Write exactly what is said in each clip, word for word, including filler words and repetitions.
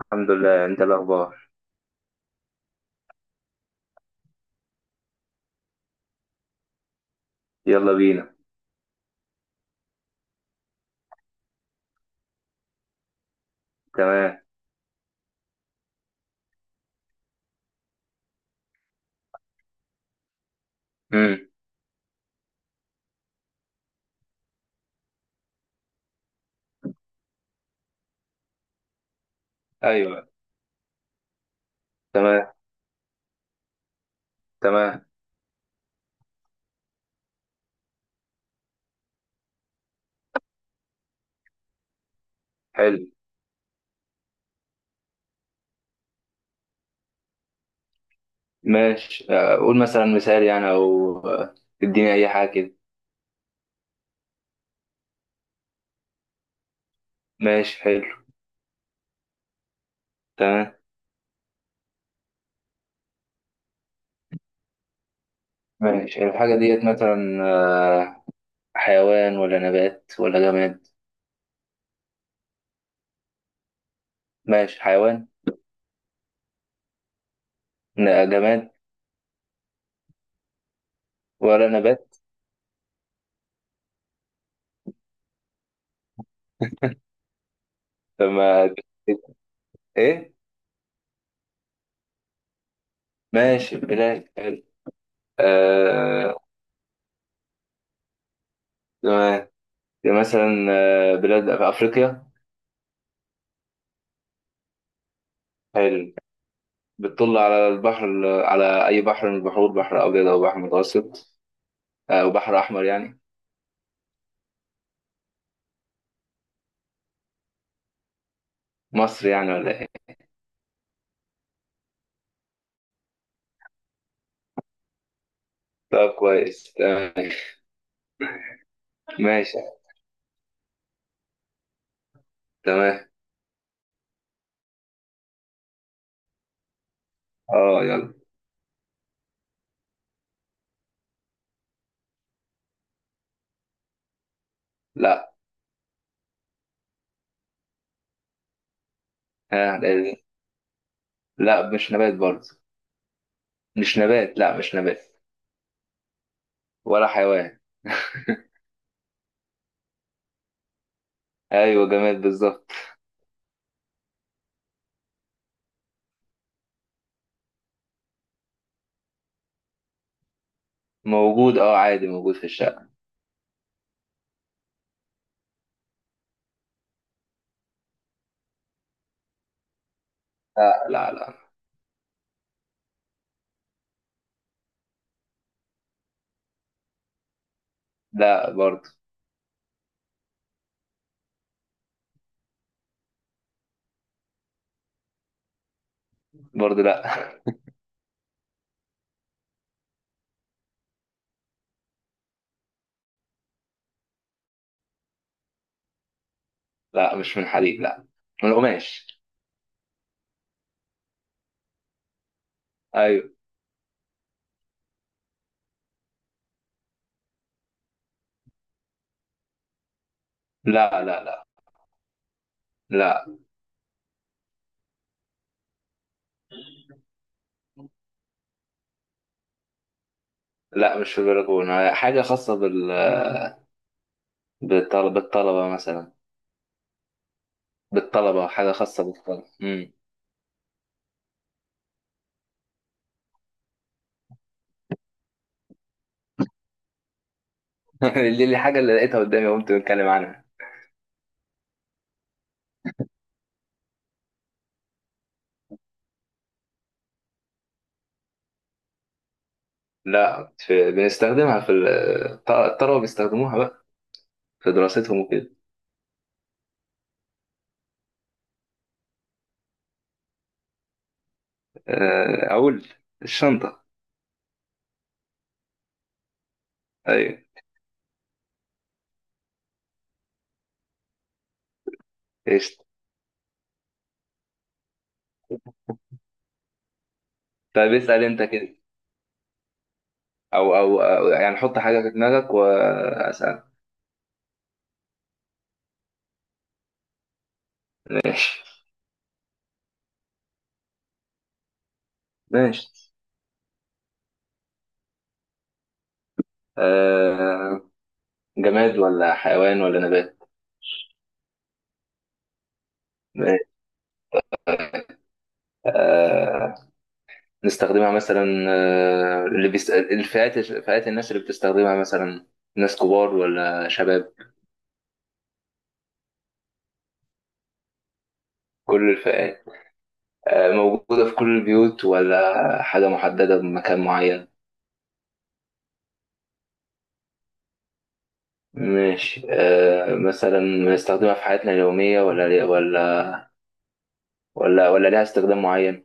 الحمد لله. انت الاخبار؟ يلا بينا. تمام. امم ايوه. تمام. تمام. حلو. ماشي. آه، قول مثلا مثال يعني، او آه، اديني اي حاجه كده. ماشي حلو. تمام. ماشي، الحاجه ديت مثلا آه، حيوان ولا نبات ولا جماد؟ ماشي. حيوان. ن- جماد ولا نبات؟ طب ما ايه. ماشي، بلاد، حلو. آه... تمام. مثلا آه، بلاد في افريقيا. حلو. بتطل على البحر، على أي بحر من البحور، بحر أبيض أو بحر متوسط آه، أو بحر أحمر يعني. مصر يعني ولا إيه؟ طب كويس، تمام. ماشي. تمام. أه يلا. لا. ها لازم. لا مش نبات برضه. مش نبات، لا مش نبات، ولا حيوان. أيوه، جماد بالظبط. موجود، أه عادي، موجود في الشقة. لا لا لا. لا برضه. برضه لا. لا مش من حديد، لا، من قماش. أيوه. لا لا لا لا لا. مش في البلكونة، حاجة خاصة بال بالطلبة بالطلبة مثلا، بالطلبة، حاجة خاصة بالطلبة. امم دي اللي حاجة اللي لقيتها قدامي قمت بتكلم عنها. لا، في بنستخدمها في ال- الط- الطلبة بيستخدموها بقى في دراستهم وكده. آه، أقول الشنطة. أيوة. قشطة. طيب اسأل أنت كده، أو أو أو يعني حط حاجة في دماغك وأسأل. ماشي ماشي. آه، جماد ولا حيوان ولا نبات؟ ماشي. آه، نستخدمها مثلا، آه، اللي بيست... الفئات فئات الناس اللي بتستخدمها مثلا، ناس كبار ولا شباب؟ كل الفئات. آه، موجودة في كل البيوت ولا حاجة محددة بمكان معين؟ ماشي. آه، مثلا بنستخدمها في حياتنا اليومية، ولا ولا ولا ولا ليها استخدام معين؟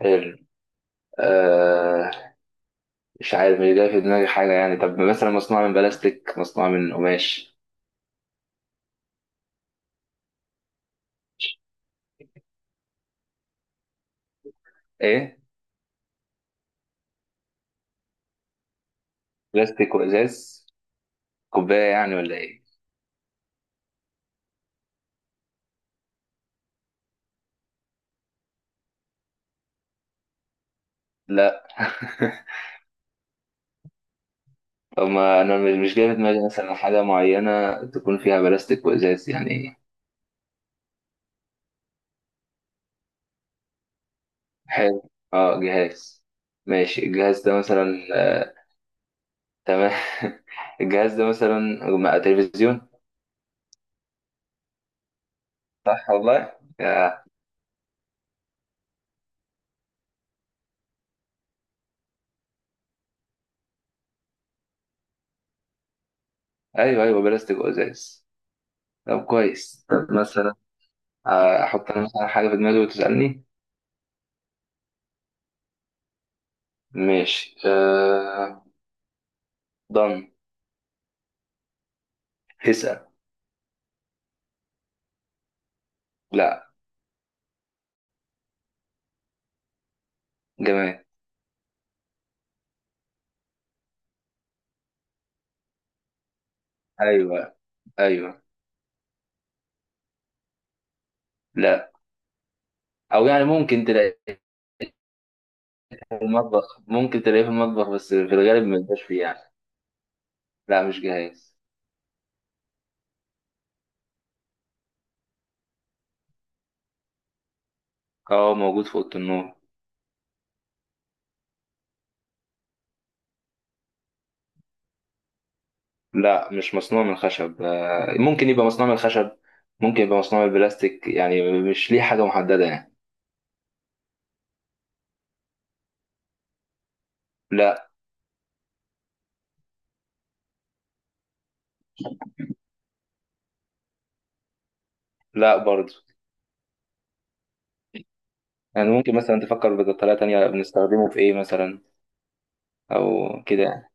حلو. آه، مش عارف، مش جاي في دماغي حاجة يعني. طب مثلا مصنوعة من بلاستيك، مصنوعة من قماش؟ ايه، بلاستيك وازاز. كوباية يعني ولا ايه؟ لا. طب ما انا مش مش جاي في دماغي مثلا حاجه معينه تكون فيها بلاستيك وازاز يعني. حلو، اه جهاز. ماشي، الجهاز ده مثلا آه، تمام. الجهاز ده مثلا مع تلفزيون. صح والله. آه. ايوه ايوه، بلاستيك وازاز. طب كويس، طب مثلا آه، احط انا مثلا حاجه في دماغي وتسالني. ماشي. آه. ضن. اسال. لا جمال. ايوه ايوه. لا. او يعني ممكن تلاقي المطبخ، ممكن تلاقيه في المطبخ بس في الغالب ما يبقاش فيه يعني. لا مش جاهز. اه موجود في اوضه النوم. لا مش مصنوع من الخشب، آه، ممكن يبقى مصنوع من الخشب، ممكن يبقى مصنوع من البلاستيك، يعني مش ليه حاجه محدده يعني. لا. لا برضه. يعني ممكن مثلا تفكر بطريقه تانية، بنستخدمه في ايه مثلا. او كده يعني.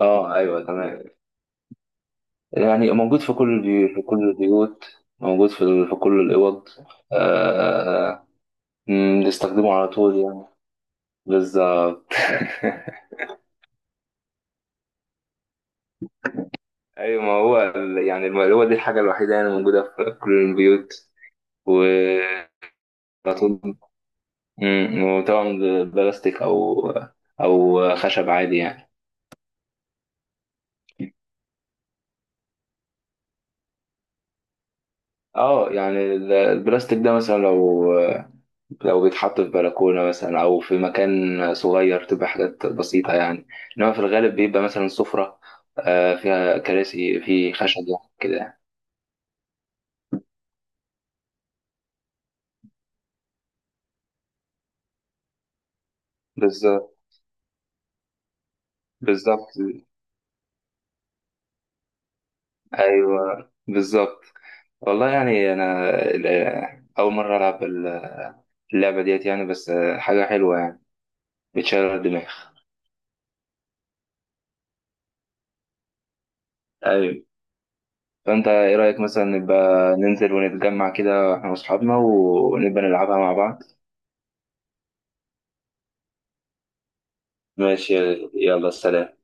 اه ايوه تمام. يعني موجود في كل البيوت، في كل البيوت، موجود في ال- في كل الاوض. آه، آه، آه، مم، نستخدمه على طول يعني، بالظبط. ايوه، ما هو ال- يعني الم- هو دي الحاجه الوحيده يعني، موجوده في كل البيوت و على طول. مم، وطبعا بلاستيك او او خشب عادي يعني. اه يعني ال- البلاستيك ده مثلا لو، لو بيتحط في بلكونه مثلا او في مكان صغير تبقى حاجات بسيطه يعني. انما في الغالب بيبقى مثلا سفره آه، فيها كراسي في خشب يعني كده. بالظبط. بالظبط ايوه بالظبط. والله يعني انا ال- اول مره العب ال- اللعبه ديت يعني، بس حاجه حلوه يعني، بتشغل الدماغ. ايوه. فانت ايه رايك مثلا نبقى ننزل ونتجمع كده احنا واصحابنا ونبقى نلعبها مع بعض. ماشي. يلا سلام.